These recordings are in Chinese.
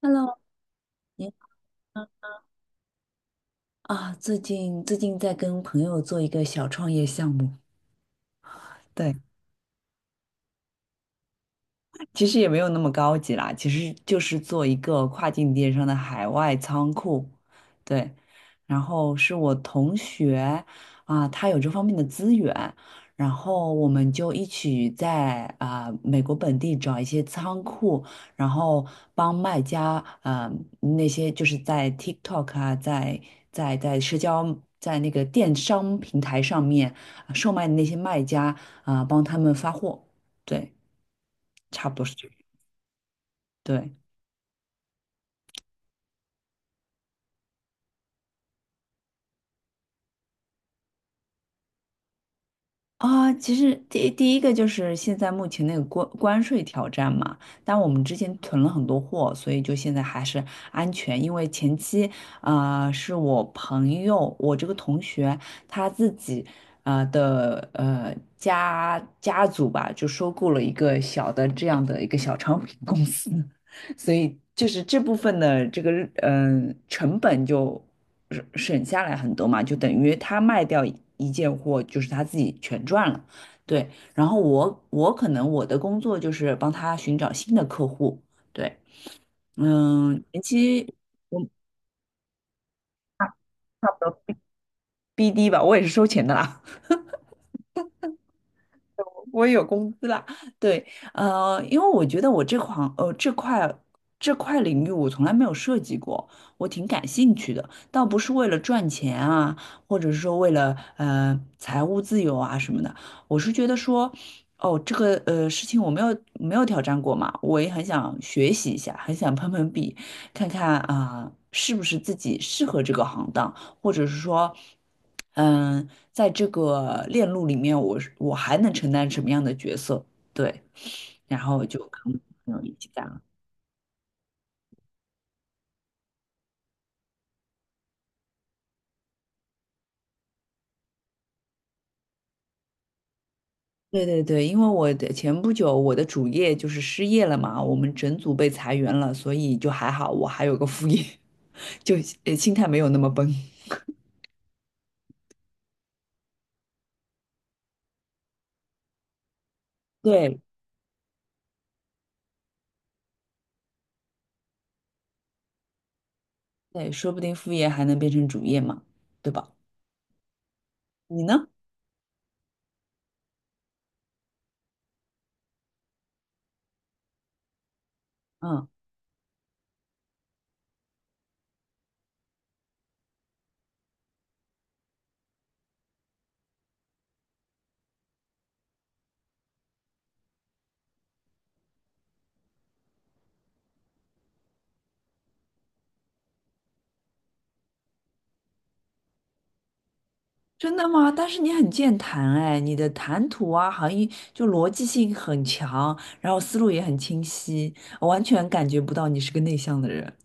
Hello，你啊，最近在跟朋友做一个小创业项目，对，其实也没有那么高级啦，其实就是做一个跨境电商的海外仓库，对。然后是我同学啊，他有这方面的资源，然后我们就一起在美国本地找一些仓库，然后帮卖家啊那些就是在 TikTok 啊，在社交在那个电商平台上面售卖的那些卖家啊，帮他们发货，对，差不多是这样。对啊，其实第一个就是现在目前那个关税挑战嘛，但我们之前囤了很多货，所以就现在还是安全。因为前期是我朋友，我这个同学他自己的家族吧，就收购了一个小的这样的一个小商品公司，所以就是这部分的这个成本就省下来很多嘛，就等于他卖掉一件货，就是他自己全赚了。对，然后我可能我的工作就是帮他寻找新的客户。对，嗯，前期我差不多 BD 吧，我也是收钱的啦。我也有工资啦，对，因为我觉得我这块领域我从来没有涉及过，我挺感兴趣的，倒不是为了赚钱啊，或者是说为了财务自由啊什么的，我是觉得说，哦，这个事情我没有挑战过嘛，我也很想学习一下，很想碰碰壁，看看是不是自己适合这个行当。或者是说，在这个链路里面，我还能承担什么样的角色？对，然后就跟朋友一起干了。对对对，因为前不久我的主业就是失业了嘛，我们整组被裁员了，所以就还好，我还有个副业，就心态没有那么崩。对对，说不定副业还能变成主业嘛，对吧？你呢？嗯。真的吗？但是你很健谈哎，你的谈吐啊，好像就逻辑性很强，然后思路也很清晰，我完全感觉不到你是个内向的人。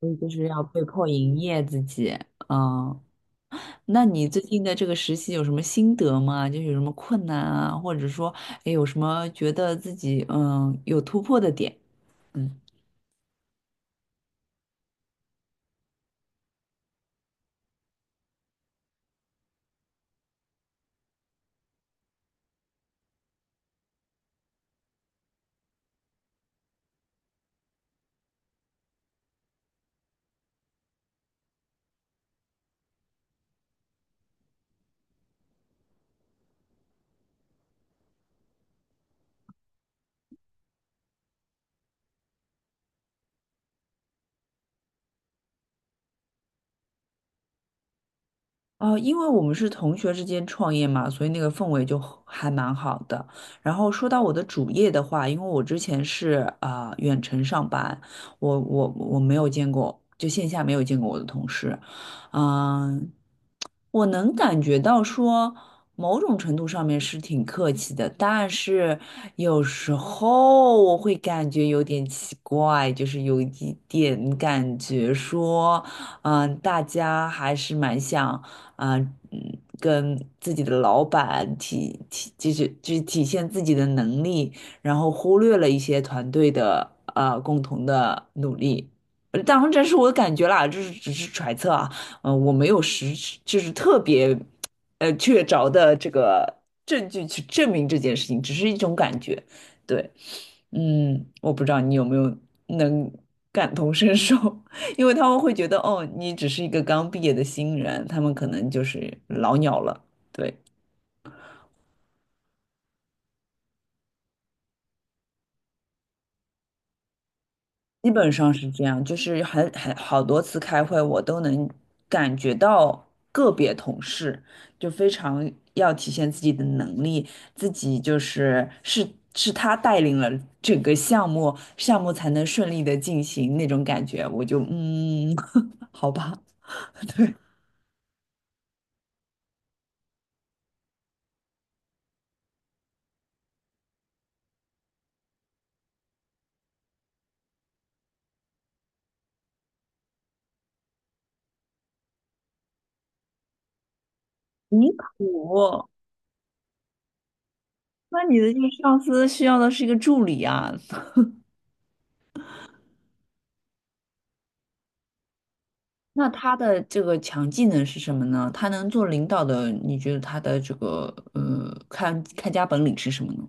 所以就是要被迫营业自己。嗯，那你最近的这个实习有什么心得吗？就是有什么困难啊，或者说，哎，有什么觉得自己有突破的点？嗯。哦，因为我们是同学之间创业嘛，所以那个氛围就很还蛮好的。然后说到我的主业的话，因为我之前是远程上班，我没有见过，就线下没有见过我的同事，嗯、我能感觉到说，某种程度上面是挺客气的，但是有时候我会感觉有点奇怪，就是有一点感觉说，大家还是蛮想，啊、跟自己的老板体体，就是就是体现自己的能力，然后忽略了一些团队的共同的努力。当然，这是我的感觉啦，这是只是揣测啊。我没有实质就是特别确凿的这个证据去证明这件事情，只是一种感觉。对，我不知道你有没有能感同身受，因为他们会觉得哦，你只是一个刚毕业的新人，他们可能就是老鸟了。对。基本上是这样，就是好多次开会，我都能感觉到个别同事就非常要体现自己的能力，自己就是他带领了整个项目，项目才能顺利的进行那种感觉，我就好吧，你苦，那你的这个上司需要的是一个助理啊，那他的这个强技能是什么呢？他能做领导的，你觉得他的这个看家本领是什么呢？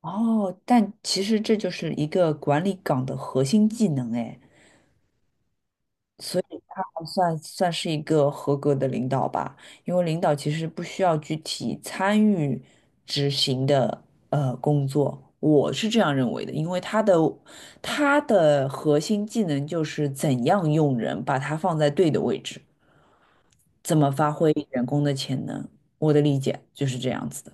哦，但其实这就是一个管理岗的核心技能哎，所以他还算是一个合格的领导吧，因为领导其实不需要具体参与执行的工作，我是这样认为的，因为他的核心技能就是怎样用人，把他放在对的位置。怎么发挥员工的潜能？我的理解就是这样子的。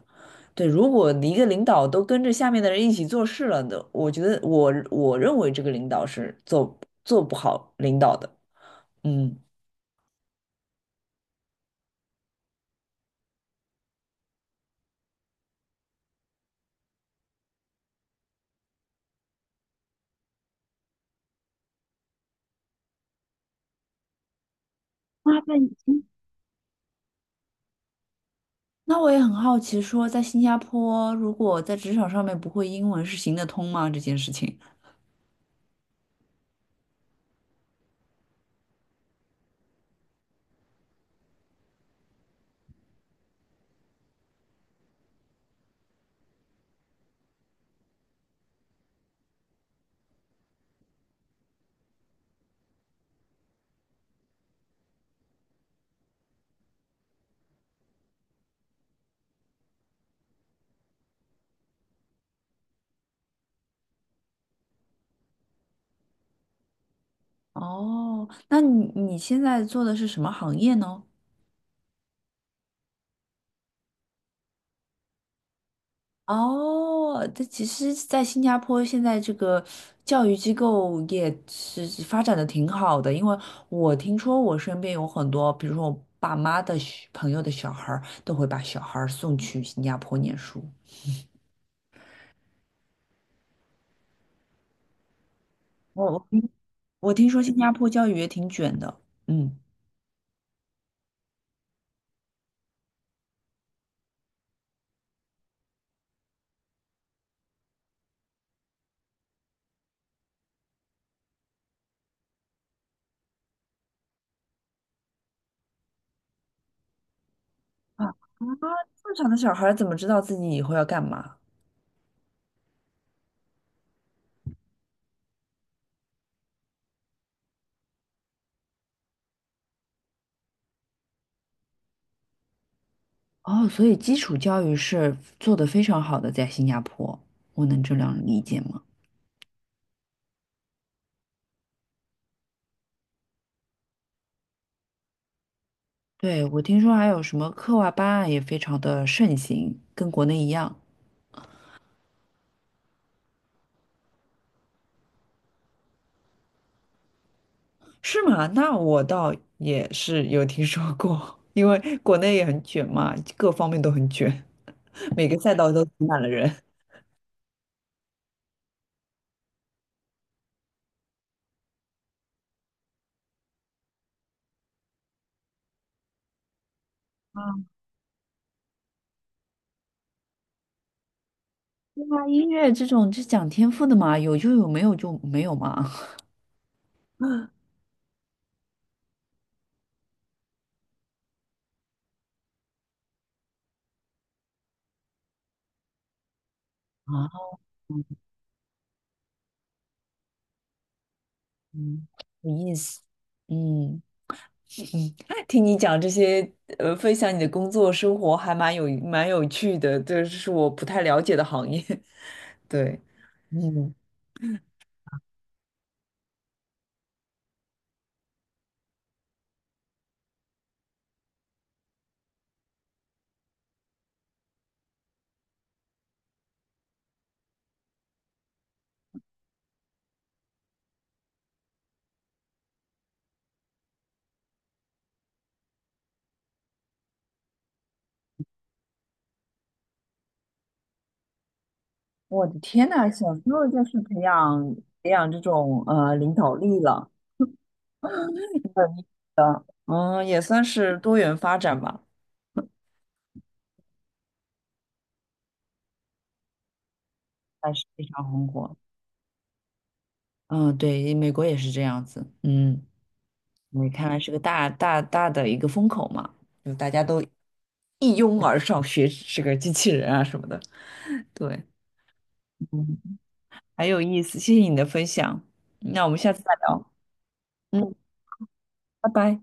对，如果一个领导都跟着下面的人一起做事了的，我觉得我认为这个领导是做不好领导的。嗯，那那已经那我也很好奇说，在新加坡，如果在职场上面不会英文是行得通吗？这件事情。哦，那你现在做的是什么行业呢？哦，这其实，在新加坡现在这个教育机构也是发展的挺好的，因为我听说我身边有很多，比如说我爸妈的小朋友的小孩儿，都会把小孩儿送去新加坡念书。我我听我听说新加坡教育也挺卷的，嗯啊啊，正常的小孩儿怎么知道自己以后要干嘛？哦，所以基础教育是做得非常好的，在新加坡，我能这样理解吗？对，我听说还有什么课外班啊，也非常的盛行，跟国内一样。是吗？那我倒也是有听说过，因为国内也很卷嘛，各方面都很卷，每个赛道都挤满了人。对啊，音乐这种是讲天赋的嘛，有就有，没有就没有嘛。啊，嗯，有意思。嗯，哎听你讲这些，分享你的工作生活还蛮有趣的，这是我不太了解的行业。对，嗯，我的天呐，小时候就是培养这种领导力了，嗯，也算是多元发展吧。还是非常红火。嗯，对，美国也是这样子。嗯，你看来是个大的一个风口嘛，就大家都一拥而上学这个机器人啊什么的。对，嗯，很有意思，谢谢你的分享。那我们下次再聊。嗯，拜拜。